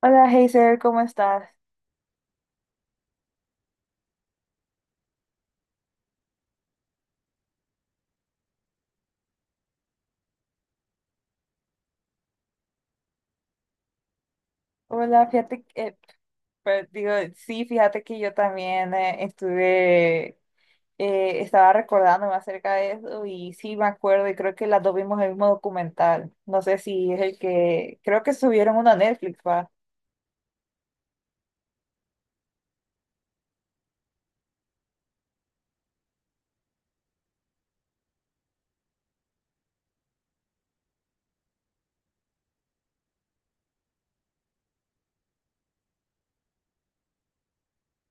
Hola, Hazel, ¿cómo estás? Hola, fíjate que, pues, digo, sí, fíjate que yo también estuve, estaba recordándome acerca de eso y sí me acuerdo y creo que las dos vimos el mismo documental. No sé si es el que, creo que subieron uno a Netflix, ¿va?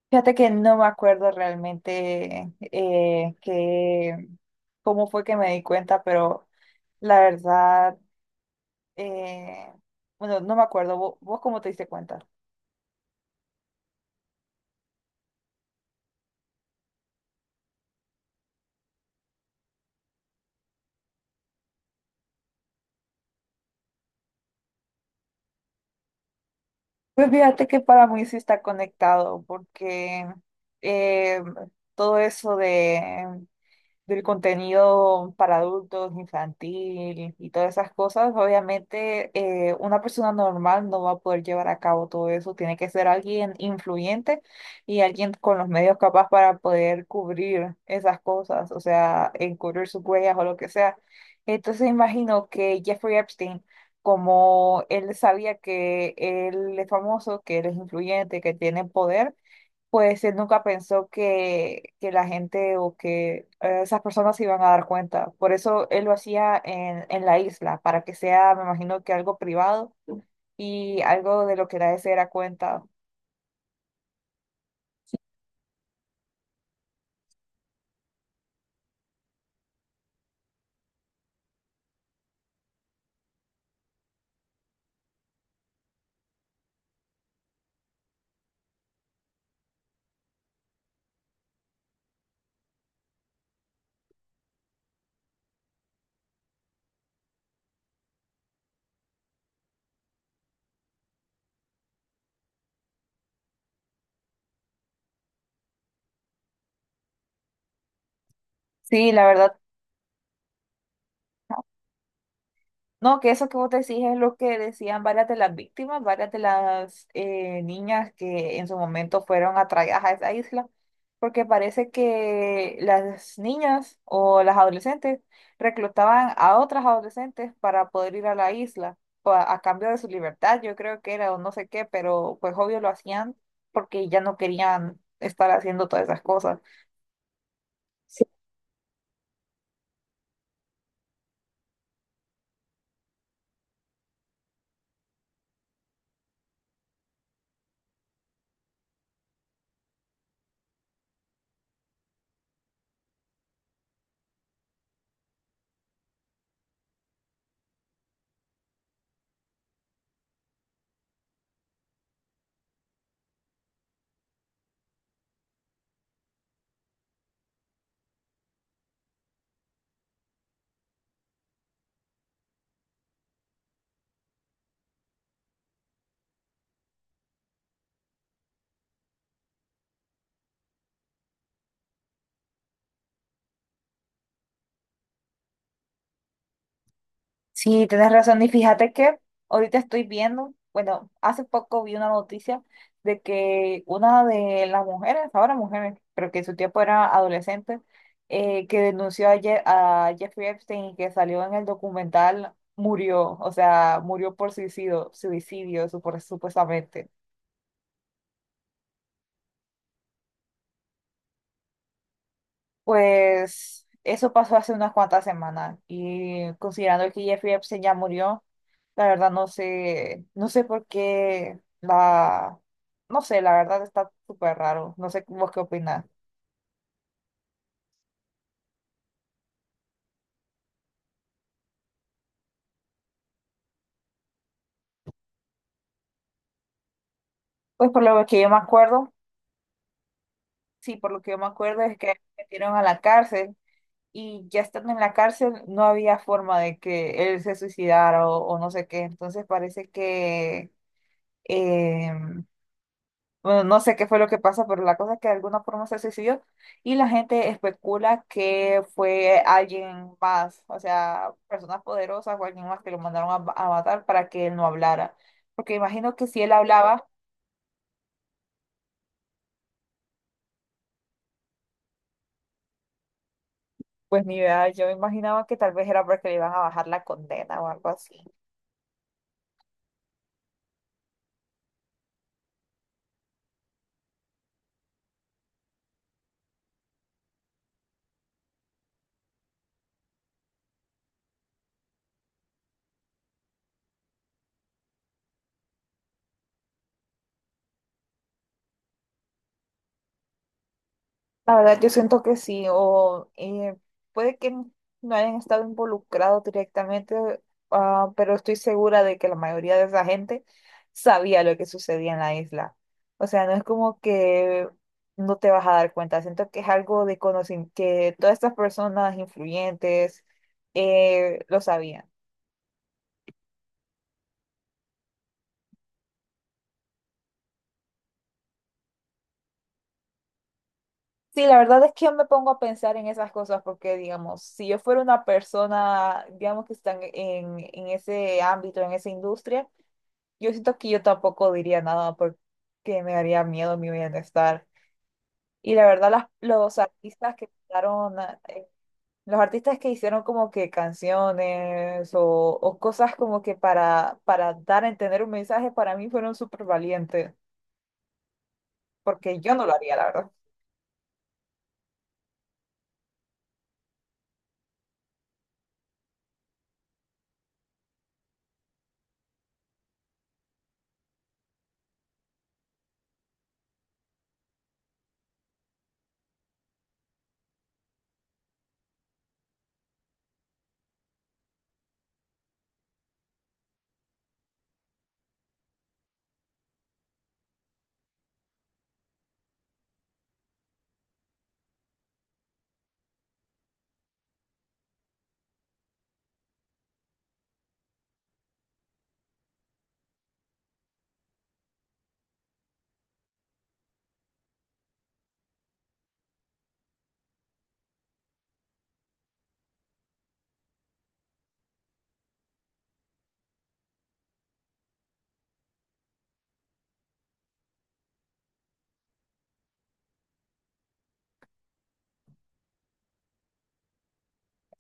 Fíjate que no me acuerdo realmente que, cómo fue que me di cuenta, pero la verdad, eh, bueno, no me acuerdo. ¿Vos cómo te diste cuenta? Pues fíjate que para mí sí está conectado, porque eh, todo eso de del contenido para adultos, infantil y todas esas cosas, obviamente una persona normal no va a poder llevar a cabo todo eso. Tiene que ser alguien influyente y alguien con los medios capaz para poder cubrir esas cosas, o sea, encubrir sus huellas o lo que sea. Entonces imagino que Jeffrey Epstein, como él sabía que él es famoso, que él es influyente, que tiene poder, pues él nunca pensó que la gente o que esas personas se iban a dar cuenta. Por eso él lo hacía en la isla, para que sea, me imagino que algo privado y algo de lo que nadie se diera cuenta. Sí, la verdad. No, que eso que vos decís es lo que decían varias de las víctimas, varias de las niñas que en su momento fueron atraídas a esa isla, porque parece que las niñas o las adolescentes reclutaban a otras adolescentes para poder ir a la isla, a cambio de su libertad, yo creo que era o no sé qué, pero pues obvio lo hacían porque ya no querían estar haciendo todas esas cosas. Sí, tienes razón. Y fíjate que ahorita estoy viendo, bueno, hace poco vi una noticia de que una de las mujeres, ahora mujeres, pero que en su tiempo era adolescente, que denunció a, a Jeffrey Epstein y que salió en el documental, murió, o sea, murió por suicidio, supuestamente. Pues eso pasó hace unas cuantas semanas y considerando que Jeffrey Epstein ya murió, la verdad no sé, no sé por qué la, no sé, la verdad está súper raro, no sé vos qué opinás. Pues por lo que yo me acuerdo, sí, por lo que yo me acuerdo es que lo metieron a la cárcel y ya estando en la cárcel no había forma de que él se suicidara o no sé qué, entonces parece que em, bueno, no sé qué fue lo que pasó, pero la cosa es que de alguna forma se suicidó y la gente especula que fue alguien más, o sea, personas poderosas o alguien más que lo mandaron a, a matar para que él no hablara. Porque imagino que si él hablaba, pues mi idea, yo imaginaba que tal vez era porque le iban a bajar la condena o algo así. La verdad, yo siento que sí, o puede que n- no hayan estado involucrados directamente, ah, pero estoy segura de que la mayoría de esa gente sabía lo que sucedía en la isla. O sea, no es como que no te vas a dar cuenta, siento que es algo de conocimiento, que todas estas personas influyentes lo sabían. Sí, la verdad es que yo me pongo a pensar en esas cosas porque, digamos, si yo fuera una persona, digamos, que están en ese ámbito, en esa industria, yo siento que yo tampoco diría nada porque me daría miedo mi bienestar. Y la verdad, los artistas que quitaron, eh, los artistas que hicieron como que canciones o cosas como que para dar a entender un mensaje, para mí fueron súper valientes, porque yo no lo haría, la verdad.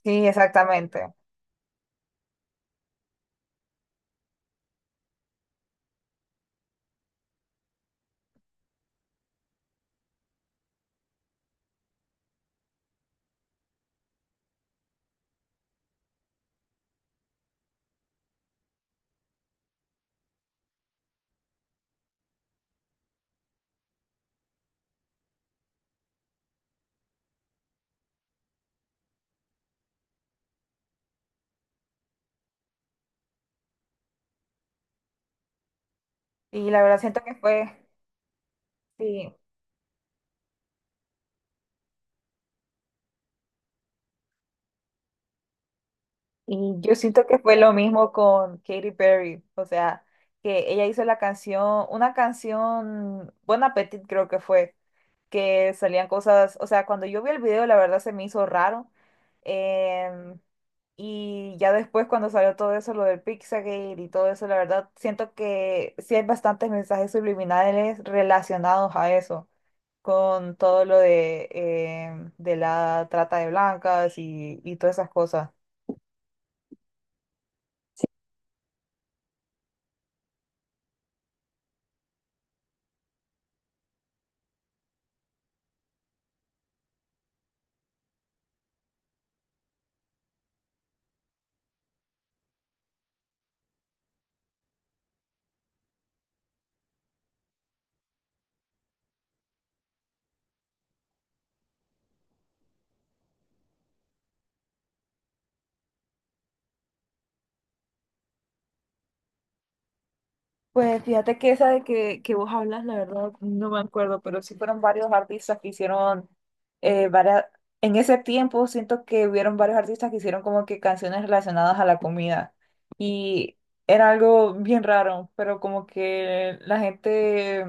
Sí, exactamente. Y la verdad siento que fue, sí, y yo siento que fue lo mismo con Katy Perry, o sea, que ella hizo una canción, Bon Appetit creo que fue que salían cosas, o sea, cuando yo vi el video, la verdad se me hizo raro. em, y ya después cuando salió todo eso, lo del Pixagate y todo eso, la verdad siento que sí hay bastantes mensajes subliminales relacionados a eso, con todo lo de, de la trata de blancas y todas esas cosas. Pues fíjate que esa de que vos hablas, la verdad, no me acuerdo, pero sí fueron varios artistas que hicieron varias... En ese tiempo siento que hubieron varios artistas que hicieron como que canciones relacionadas a la comida y era algo bien raro, pero como que la gente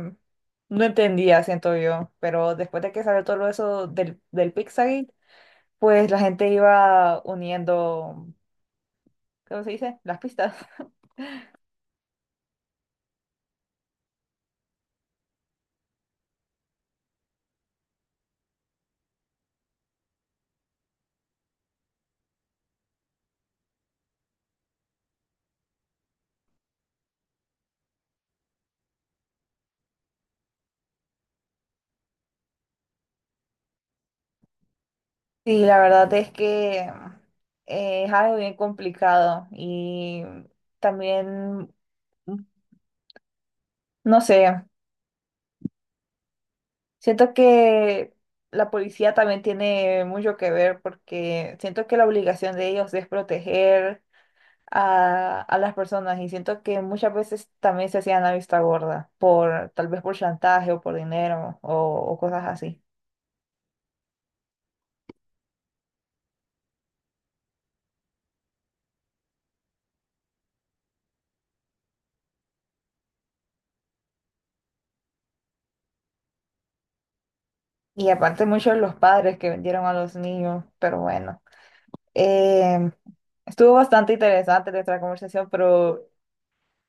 no entendía, siento yo, pero después de que salió todo eso del Pizzagate, pues la gente iba uniendo, ¿cómo se dice? Las pistas. Sí, la verdad es que es algo bien complicado y también, no sé, siento que la policía también tiene mucho que ver porque siento que la obligación de ellos es proteger a las personas y siento que muchas veces también se hacían la vista gorda por tal vez por chantaje o por dinero o cosas así. Y aparte muchos de los padres que vendieron a los niños, pero bueno. Eh, Estuvo bastante interesante nuestra conversación, pero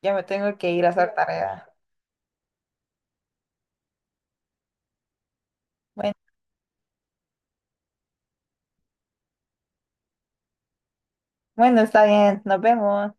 ya me tengo que ir a hacer tarea. Bueno, bueno, está bien, nos vemos.